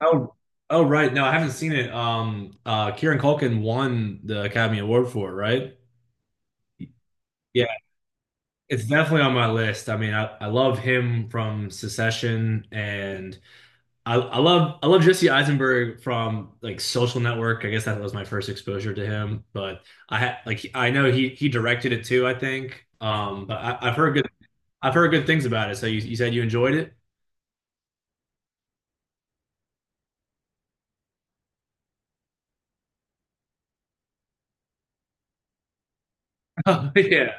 Oh, oh, right. No, I haven't seen it. Kieran Culkin won the Academy Award for it, right? Yeah, it's definitely on my list. I mean, I love him from Secession, and I love I love Jesse Eisenberg from like Social Network. I guess that was my first exposure to him, but I had like I know he directed it too, I think. But I've heard good I've heard good things about it. So you said you enjoyed it? Yeah.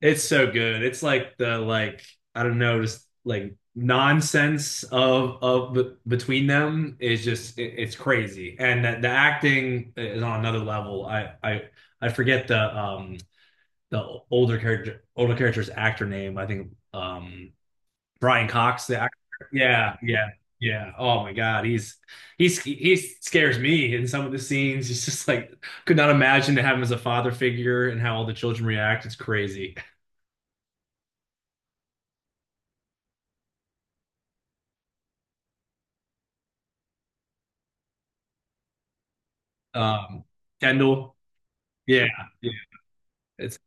It's so good. It's like the like I don't know, just like nonsense of b between them is just it's crazy. And the acting is on another level. I forget the older character's actor name. I think Brian Cox the actor. Yeah, yeah. Yeah. Oh my God. He's he scares me in some of the scenes. He's just like could not imagine to have him as a father figure and how all the children react. It's crazy. Um, Kendall. Yeah, yeah. It's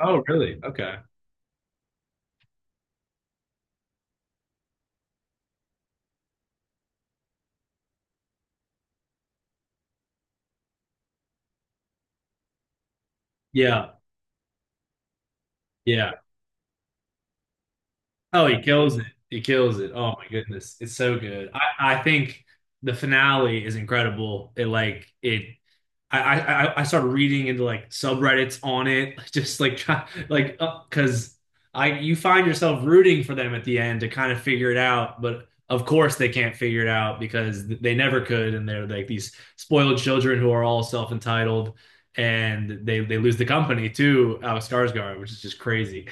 oh really? Okay. Yeah, yeah. Oh, he kills it. He kills it. Oh my goodness. It's so good. I think the finale is incredible. It I, I I started reading into like subreddits on it, just like try, like because I you find yourself rooting for them at the end to kind of figure it out, but of course they can't figure it out because they never could, and they're like these spoiled children who are all self-entitled, and they lose the company too, Alex Skarsgård, which is just crazy.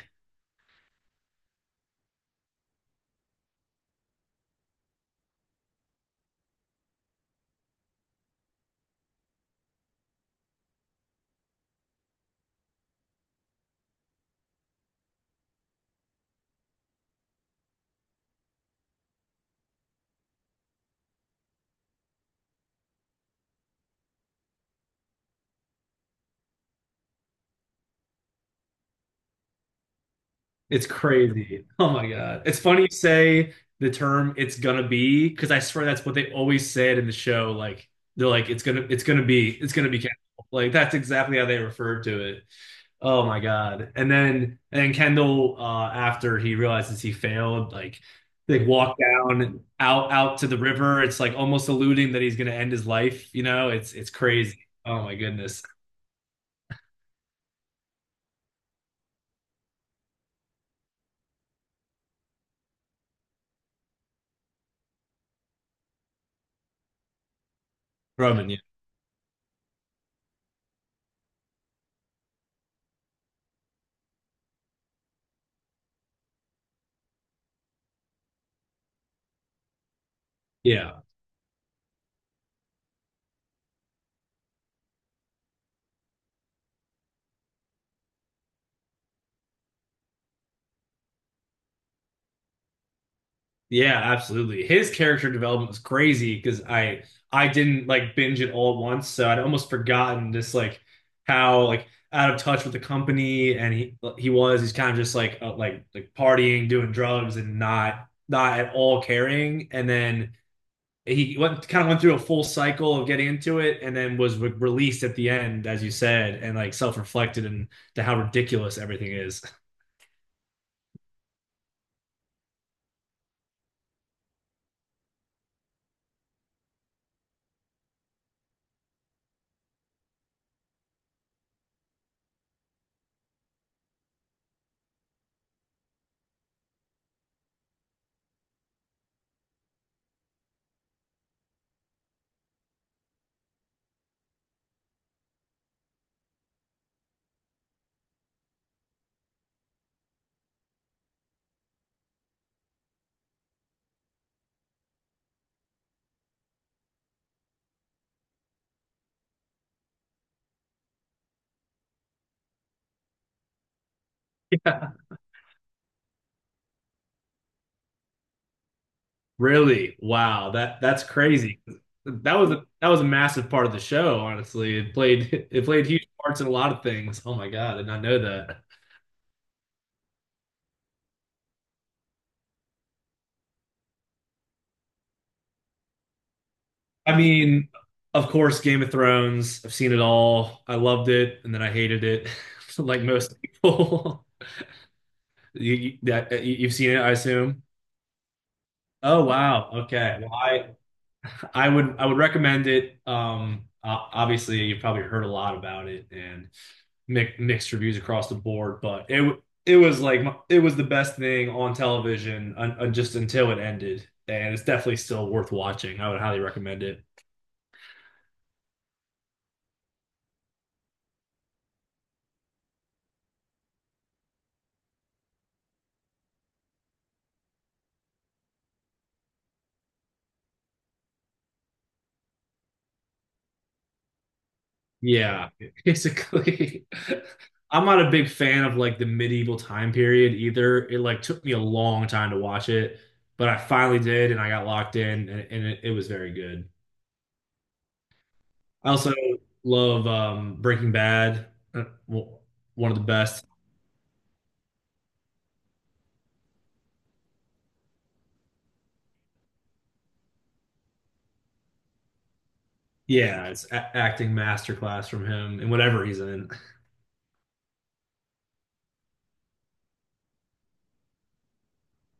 It's crazy. Oh my God. It's funny you say the term it's gonna be, because I swear that's what they always said in the show. Like they're like, it's gonna it's gonna be Kendall. Like that's exactly how they referred to it. Oh my God. And then Kendall after he realizes he failed, like they walk down out to the river. It's like almost alluding that he's gonna end his life, you know? It's crazy. Oh my goodness. Roman, yeah. Yeah. Yeah, absolutely. His character development was crazy because I didn't like binge it all at once, so I'd almost forgotten just like how like out of touch with the company and he was. He's kind of just like like partying, doing drugs, and not at all caring. And then he went kind of went through a full cycle of getting into it, and then was re released at the end, as you said, and like self-reflected and to how ridiculous everything is. Really? Wow. That's crazy. That was a massive part of the show, honestly. It played it played huge parts in a lot of things. Oh my God, I did not know that. I mean, of course, Game of Thrones. I've seen it all. I loved it, and then I hated it, like most people. You've seen it, I assume. Oh wow. Okay. Well, I would recommend it. Obviously, you've probably heard a lot about it, and mixed reviews across the board, but it was like it was the best thing on television just until it ended, and it's definitely still worth watching. I would highly recommend it. Yeah, basically. I'm not a big fan of like the medieval time period either. It like took me a long time to watch it, but I finally did, and I got locked in, and, and it was very good. I also love Breaking Bad, uh, w- one of the best. Yeah, it's acting masterclass from him in whatever he's in.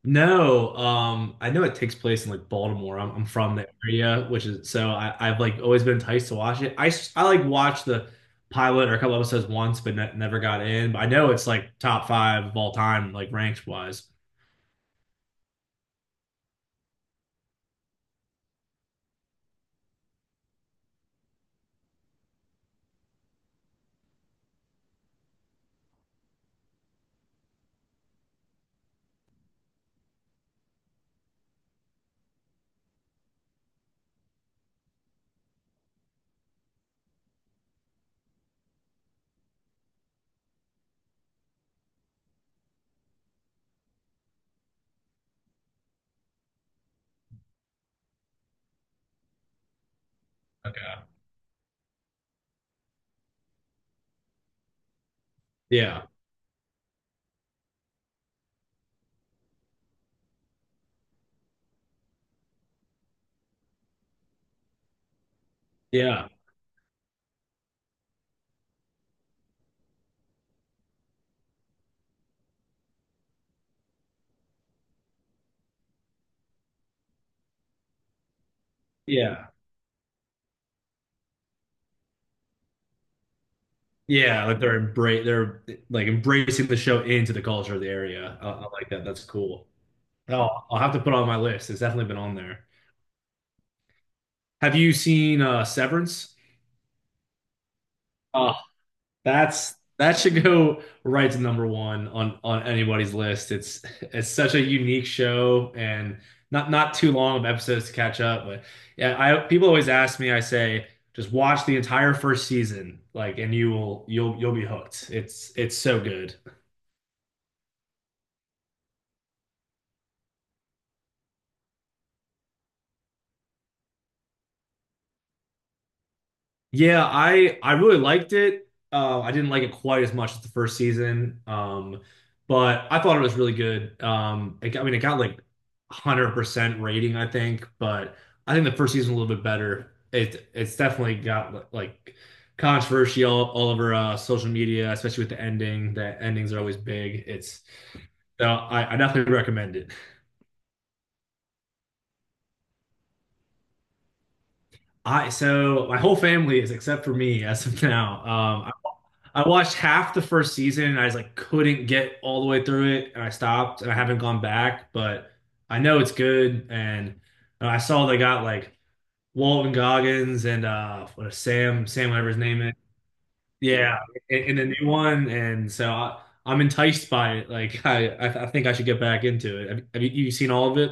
No, I know it takes place in like Baltimore. I'm from the area, which is so I've like always been enticed to watch it. I like watched the pilot or a couple episodes once, but ne never got in. But I know it's like top five of all time, like ranks wise. Okay. Yeah, yeah, yeah, yeah. Like they're like embracing the show into the culture of the area. I like that. That's cool. Oh, I'll have to put it on my list. It's definitely been on there. Have you seen Severance? Oh, that's that should go right to number one on anybody's list. It's such a unique show and not too long of episodes to catch up. But yeah, I people always ask me. I say just watch the entire first season, like, and you will you'll be hooked. It's so good. Yeah, I really liked it. I didn't like it quite as much as the first season, but I thought it was really good. I mean, it got like 100% rating, I think, but I think the first season was a little bit better. It's definitely got like controversy all over social media, especially with the ending. The endings are always big. It's so I definitely recommend it. I so my whole family is except for me as of now. Um, I watched half the first season and I just like couldn't get all the way through it and I stopped and I haven't gone back, but I know it's good and I saw they got like Walton Goggins and what is Sam whatever his name is. Yeah. Yeah, in the new one and so I'm enticed by it. Like I think I should get back into it. Have you, you seen all of it?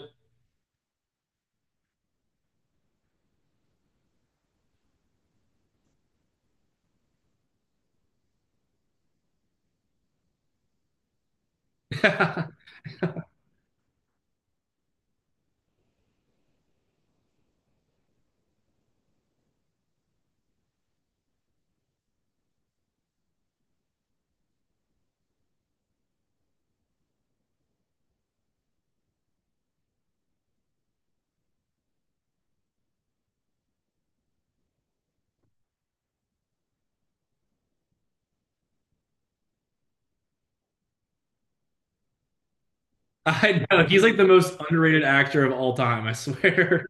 I know he's like the most underrated actor of all time, I swear.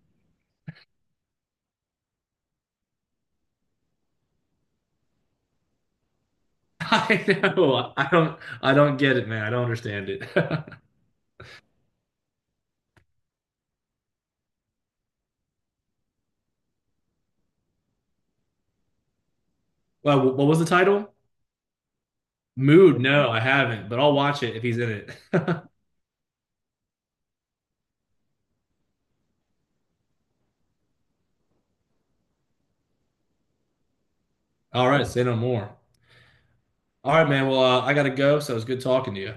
I know. I don't get it, man. I don't understand it. Well, what was the title? Mood. No, I haven't, but I'll watch it if he's in it. All right, say no more. All right, man. Well, I gotta go, so it's good talking to you.